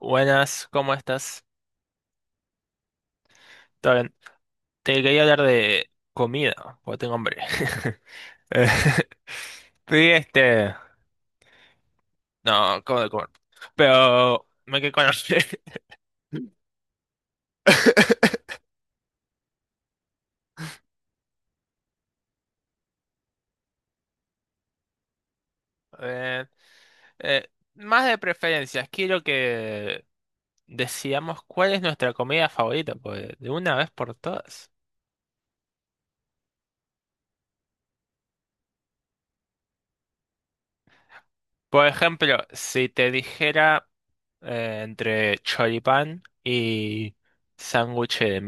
Buenas, ¿cómo estás? ¿Todo bien? Te quería hablar de comida, porque tengo hambre. Eh, Fui este... No, acabo de comer. Pero me quedé con hambre. Eh, eh, más de preferencias, quiero que decíamos cuál es nuestra comida favorita, pues, de una vez por todas. Por ejemplo, si te dijera entre choripán y sándwich de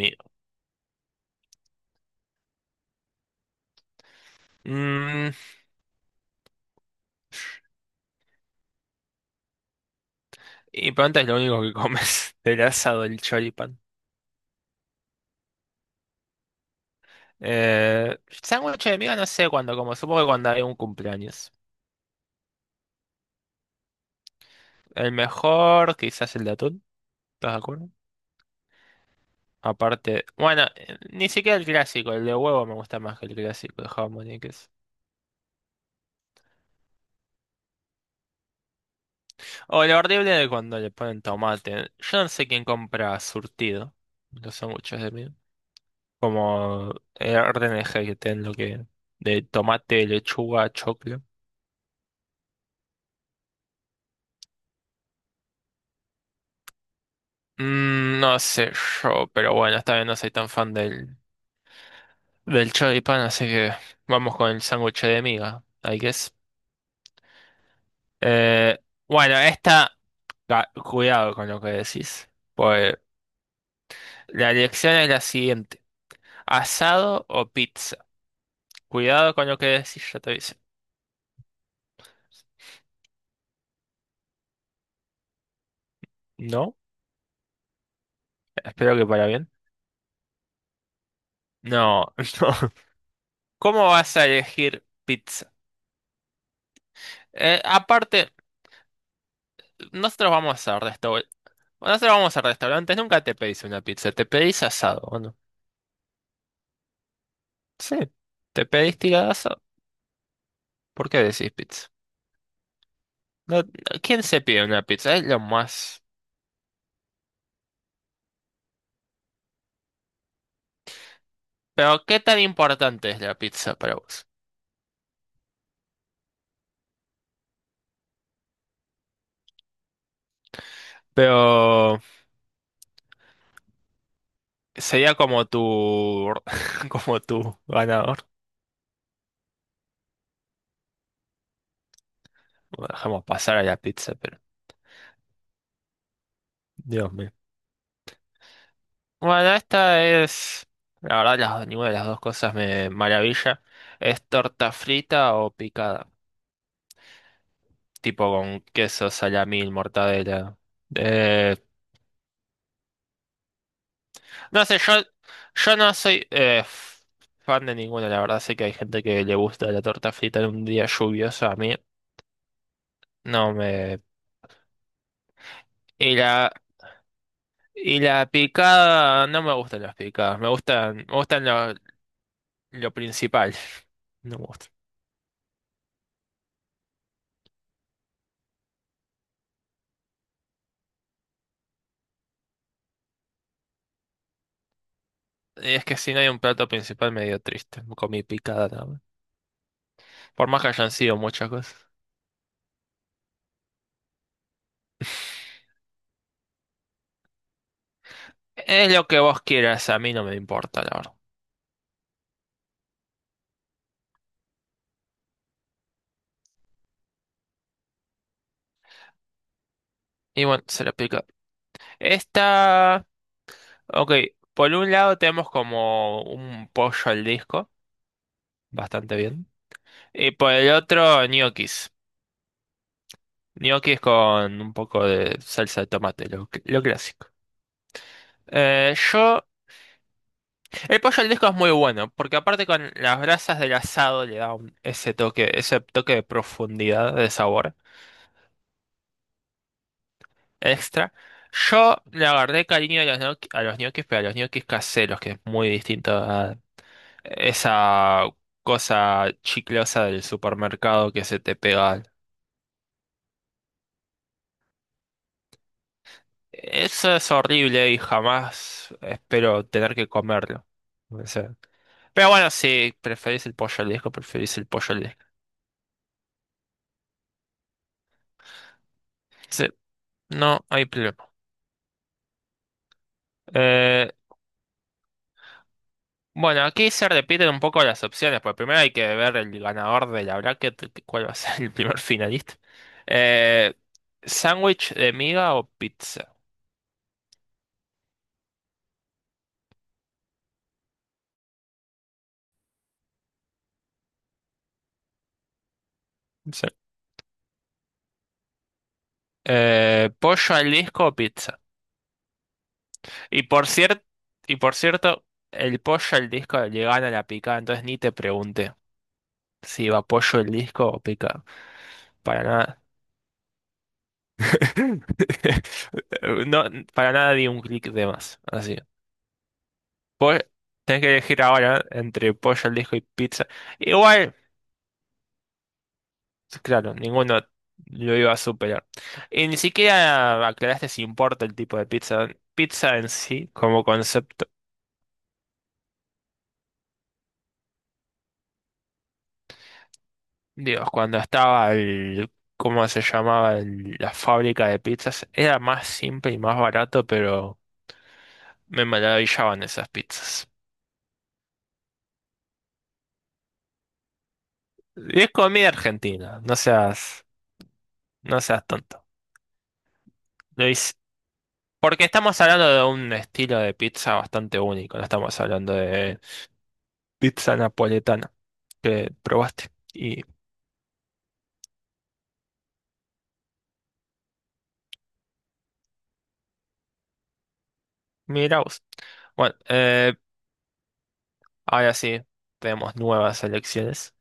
miga. Y pronto es lo único que comes, el asado, el choripán. Eh, sándwich de miga no sé cuándo como, supongo que cuando hay un cumpleaños. El mejor, quizás el de atún, ¿estás de acuerdo? Aparte, bueno, ni siquiera el clásico, el de huevo me gusta más que el clásico de jamón y queso. O lo horrible de cuando le ponen tomate. Yo no sé quién compra surtido, los sándwiches de miga. Como el orden de que tienen lo que... De tomate, lechuga, choclo. Mm, no sé yo, pero bueno, esta vez no soy tan fan del choripán, así que vamos con el sándwich de miga, I guess. Eh, bueno, cuidado con lo que decís, pues la elección es la siguiente, asado o pizza. Cuidado con lo que decís, ya te aviso. No, espero que para bien. No, no. ¿Cómo vas a elegir pizza? Aparte, nosotros vamos a restaurantes. Nosotros vamos a restaurantes, nunca te pedís una pizza, te pedís asado, ¿o no? Sí, te pediste tiradazo. ¿Por qué decís pizza? No, ¿quién se pide una pizza? Es lo más. Pero, ¿qué tan importante es la pizza para vos? Pero sería como tu como tu ganador. Bueno, dejamos pasar a la pizza, pero Dios mío. Bueno, esta es la verdad las, ninguna de las dos cosas me maravilla. ¿Es torta frita o picada? Tipo con queso, salamín, mortadela. Eh, No sé, yo no soy fan de ninguno, la verdad. Sé que hay gente que le gusta la torta frita en un día lluvioso. A mí no me. Y la, y la picada, no me gustan las picadas. Me gustan lo principal. No me gusta. Es que si no hay un plato principal, medio triste. Comí picada nada más. Por más que hayan sido muchas cosas. Es lo que vos quieras, a mí no me importa, la verdad. Y bueno, se la pica. Esta. Ok, por un lado tenemos como un pollo al disco, bastante bien. Y por el otro, ñoquis. Ñoquis con un poco de salsa de tomate, lo clásico. Eh, yo, el pollo al disco es muy bueno, porque aparte con las brasas del asado le da ese toque de profundidad, de sabor extra. Yo le agarré cariño a a los ñoquis, pero a los ñoquis caseros, que es muy distinto. Esa cosa chiclosa del supermercado que se te pega. Eso es horrible y jamás espero tener que comerlo. O sea, pero bueno, si preferís el pollo al disco, preferís el pollo al disco. Sí, no hay problema. Eh, bueno, aquí se repiten un poco las opciones, porque primero hay que ver el ganador de la bracket, que- cuál va a ser el primer finalista. Eh, ¿Sándwich de miga o pizza? Sí. ¿Pollo al disco o pizza? Y por cierto, y por cierto, el pollo al disco le gana la picada, entonces ni te pregunté si iba pollo el disco o picada. Para nada. No, para nada di un clic de más. Así. Pues tenés que elegir ahora entre pollo al disco y pizza. Igual, claro, ninguno lo iba a superar. Y ni siquiera aclaraste si importa el tipo de pizza. Pizza en sí, como concepto. Dios, cuando estaba el, ¿cómo se llamaba? La fábrica de pizzas, era más simple y más barato, pero me maravillaban esas pizzas. Y es comida argentina, no seas tonto. Lo hice- Porque estamos hablando de un estilo de pizza bastante único, no estamos hablando de pizza napoletana que probaste. Y mira vos. Bueno, ahora sí, tenemos nuevas elecciones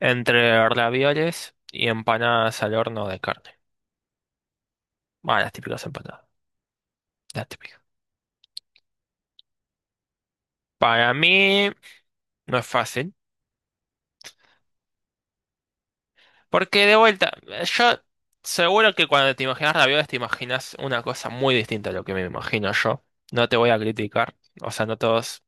entre ravioles y empanadas al horno de carne. Bueno, las típicas empatadas. Las típicas. Para mí no es fácil. Porque de vuelta, yo seguro que cuando te imaginas ravioles te imaginas una cosa muy distinta a lo que me imagino yo. No te voy a criticar. O sea, no todos.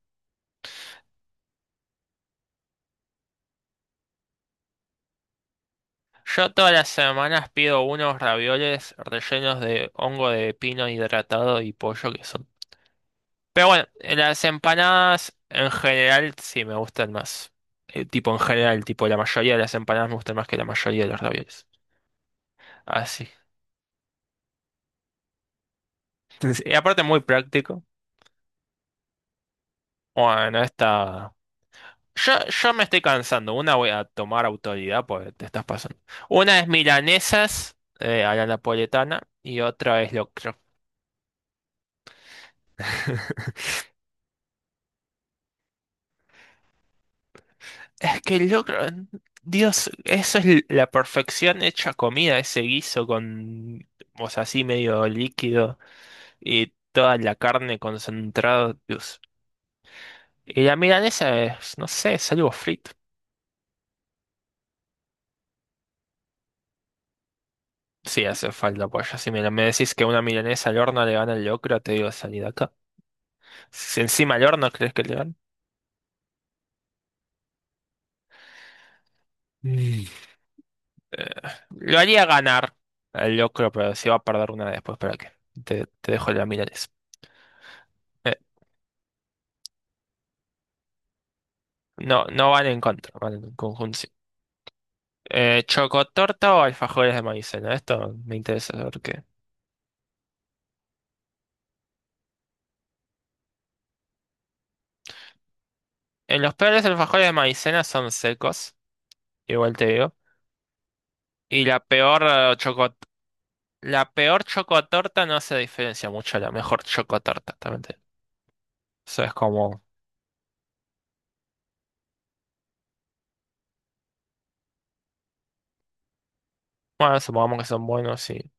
Yo todas las semanas pido unos ravioles rellenos de hongo de pino hidratado y pollo que son. Pero bueno, las empanadas en general sí me gustan más. Tipo en general, tipo la mayoría de las empanadas me gustan más que la mayoría de los ravioles. Así. Sí, y aparte muy práctico. Bueno, esta... yo me estoy cansando. Una voy a tomar autoridad, pues te estás pasando. Una es milanesas a la napoletana y otra es locro. Es que el locro, Dios, eso es la perfección hecha comida, ese guiso con, o sea, así medio líquido y toda la carne concentrada. Dios. Y la milanesa es, no sé, es algo frito. Sí, hace falta pollo. Si me decís que una milanesa al horno le gana el locro, te digo salí de acá. Si encima al horno crees que le gana. Mm. Eh, lo haría ganar al locro, pero si va a perder una después, ¿para qué? Te dejo la milanesa. Eh, no, no van en contra, van en conjunción. ¿Chocotorta o alfajores de maicena? Esto me interesa saber qué. En los peores alfajores de maicena son secos, igual te digo. Y la peor la peor chocotorta no se diferencia mucho a la mejor chocotorta, también. Eso es como, bueno, supongamos que son buenos y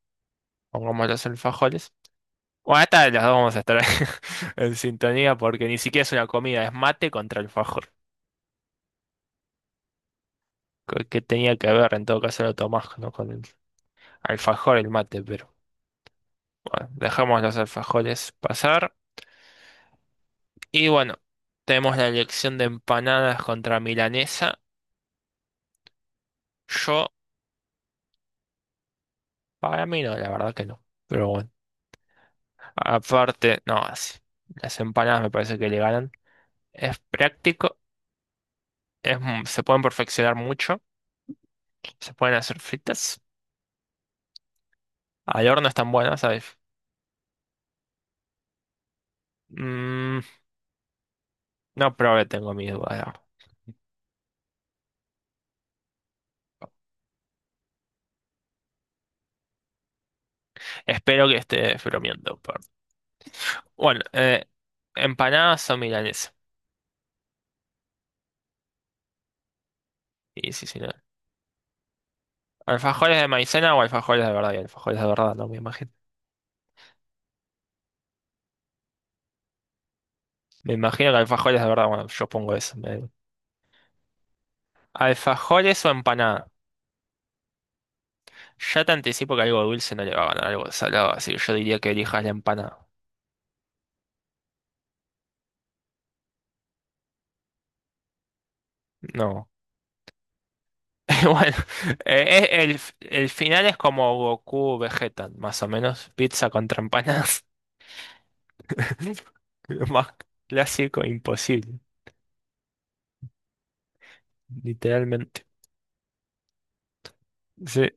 pongamos los alfajores. Bueno, esta de las dos vamos a estar en sintonía porque ni siquiera es una comida, es mate contra alfajor. ¿Qué qué tenía que ver? En todo caso lo tomás, ¿no? Con el alfajor, el mate, pero bueno, dejamos los alfajores pasar. Y bueno, tenemos la elección de empanadas contra milanesa. Yo, para mí no, la verdad que no. Pero bueno, aparte, no, así. Las empanadas me parece que le ganan. Es práctico, se pueden perfeccionar mucho. ¿Se pueden hacer fritas? Al horno están buenas, ¿sabes? Mm, no probé, tengo mis dudas, la verdad. Espero que esté bromeando, pero- Bueno, empanadas o milanesa. Y sí, sí, no. ¿Alfajores de maicena o alfajores de verdad? Y alfajores de verdad, no me imagino. Me imagino que alfajores de verdad, bueno, yo pongo eso, me da igual. ¿Alfajores o empanada? Ya te anticipo que algo dulce no le va a ganar algo salado, así que yo diría que elijas la empanada. No. Bueno, eh, eh, el, el final es como Goku Vegeta, más o menos. Pizza contra empanadas. Lo más clásico imposible, literalmente. Sí.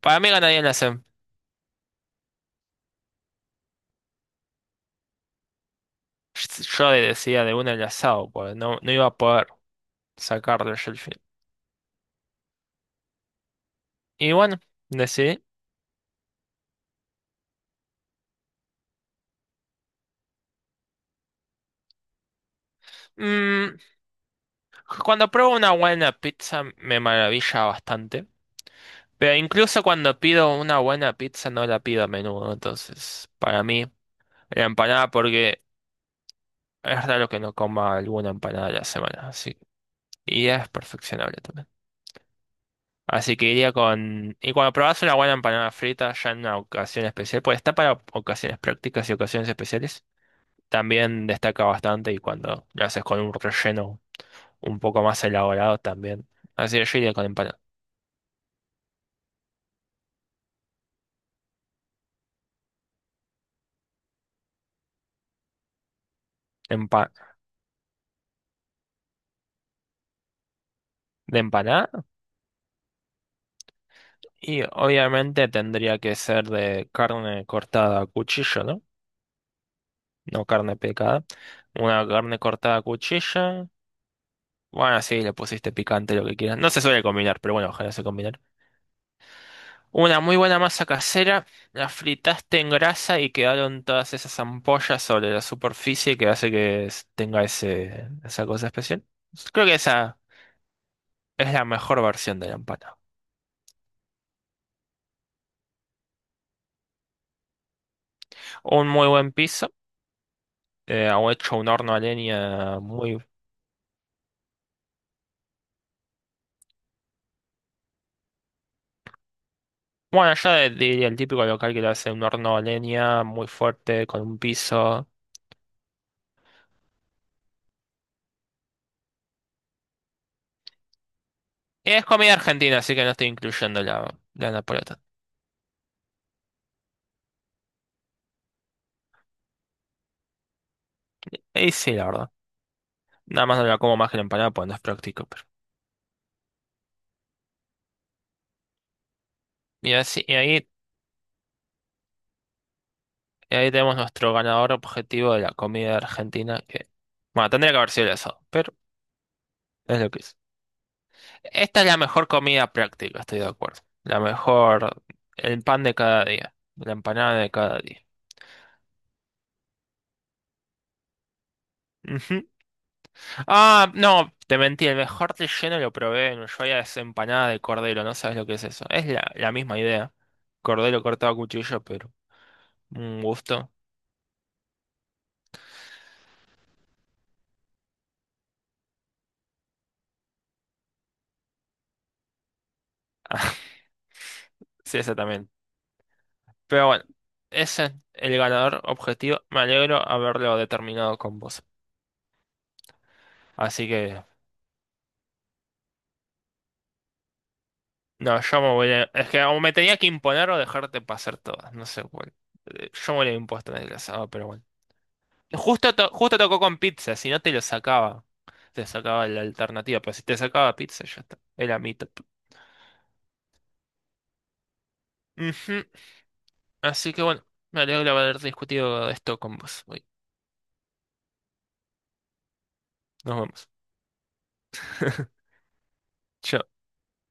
Para mí ganarían las. Asado. Yo le decía de una el asado, porque no iba a poder sacarle yo el fin. Y bueno, decidí. Mm, cuando pruebo una buena pizza me maravilla bastante. Pero incluso cuando pido una buena pizza no la pido a menudo. Entonces, para mí, la empanada, porque es raro que no coma alguna empanada a la semana, así y es perfeccionable también. Así que iría con... Y cuando probás una buena empanada frita ya en una ocasión especial, pues está para ocasiones prácticas y ocasiones especiales, también destaca bastante y cuando lo haces con un relleno un poco más elaborado también. Así que yo iría con empanada. De empanada y obviamente tendría que ser de carne cortada a cuchillo, ¿no? No carne picada. Una carne cortada a cuchillo. Bueno, sí, le pusiste picante lo que quieras. No se suele combinar, pero bueno, ojalá se combinara. Una muy buena masa casera, la fritaste en grasa y quedaron todas esas ampollas sobre la superficie que hace que tenga esa cosa especial. Creo que esa es la mejor versión de la empanada. Un muy buen piso, o hecho un horno a leña muy... Bueno, yo diría el típico local que lo hace un horno a leña muy fuerte, con un piso... Es comida argentina, así que no estoy incluyendo la napolitana. Y sí, la verdad. Nada más no la como más que la empanada, pues no es práctico, pero. Y así, y ahí, y ahí tenemos nuestro ganador objetivo de la comida argentina, que, bueno, tendría que haber sido el asado, pero es lo que es. Esta es la mejor comida práctica, estoy de acuerdo. La mejor, el pan de cada día, la empanada de cada día. Ujú. Ah, no, te mentí, el mejor relleno lo probé en Ushuaia, es empanada de cordero, no sabes lo que es eso. Es la misma idea, cordero cortado a cuchillo, pero un gusto. Sí, exactamente. Pero bueno, ese es el ganador objetivo. Me alegro haberlo determinado con vos. Así que, no, yo me voy a... Es que o me tenía que imponer o dejarte pasar todas. No sé cuál. Yo me lo he impuesto en el asado, pero bueno. Justo, justo tocó con pizza, si no te lo sacaba. Te sacaba la alternativa, pero si te sacaba pizza, ya está. Era mi top. Ujú. Así que bueno, me alegro haber discutido esto con vos. Hoy. Nos vemos. Chao.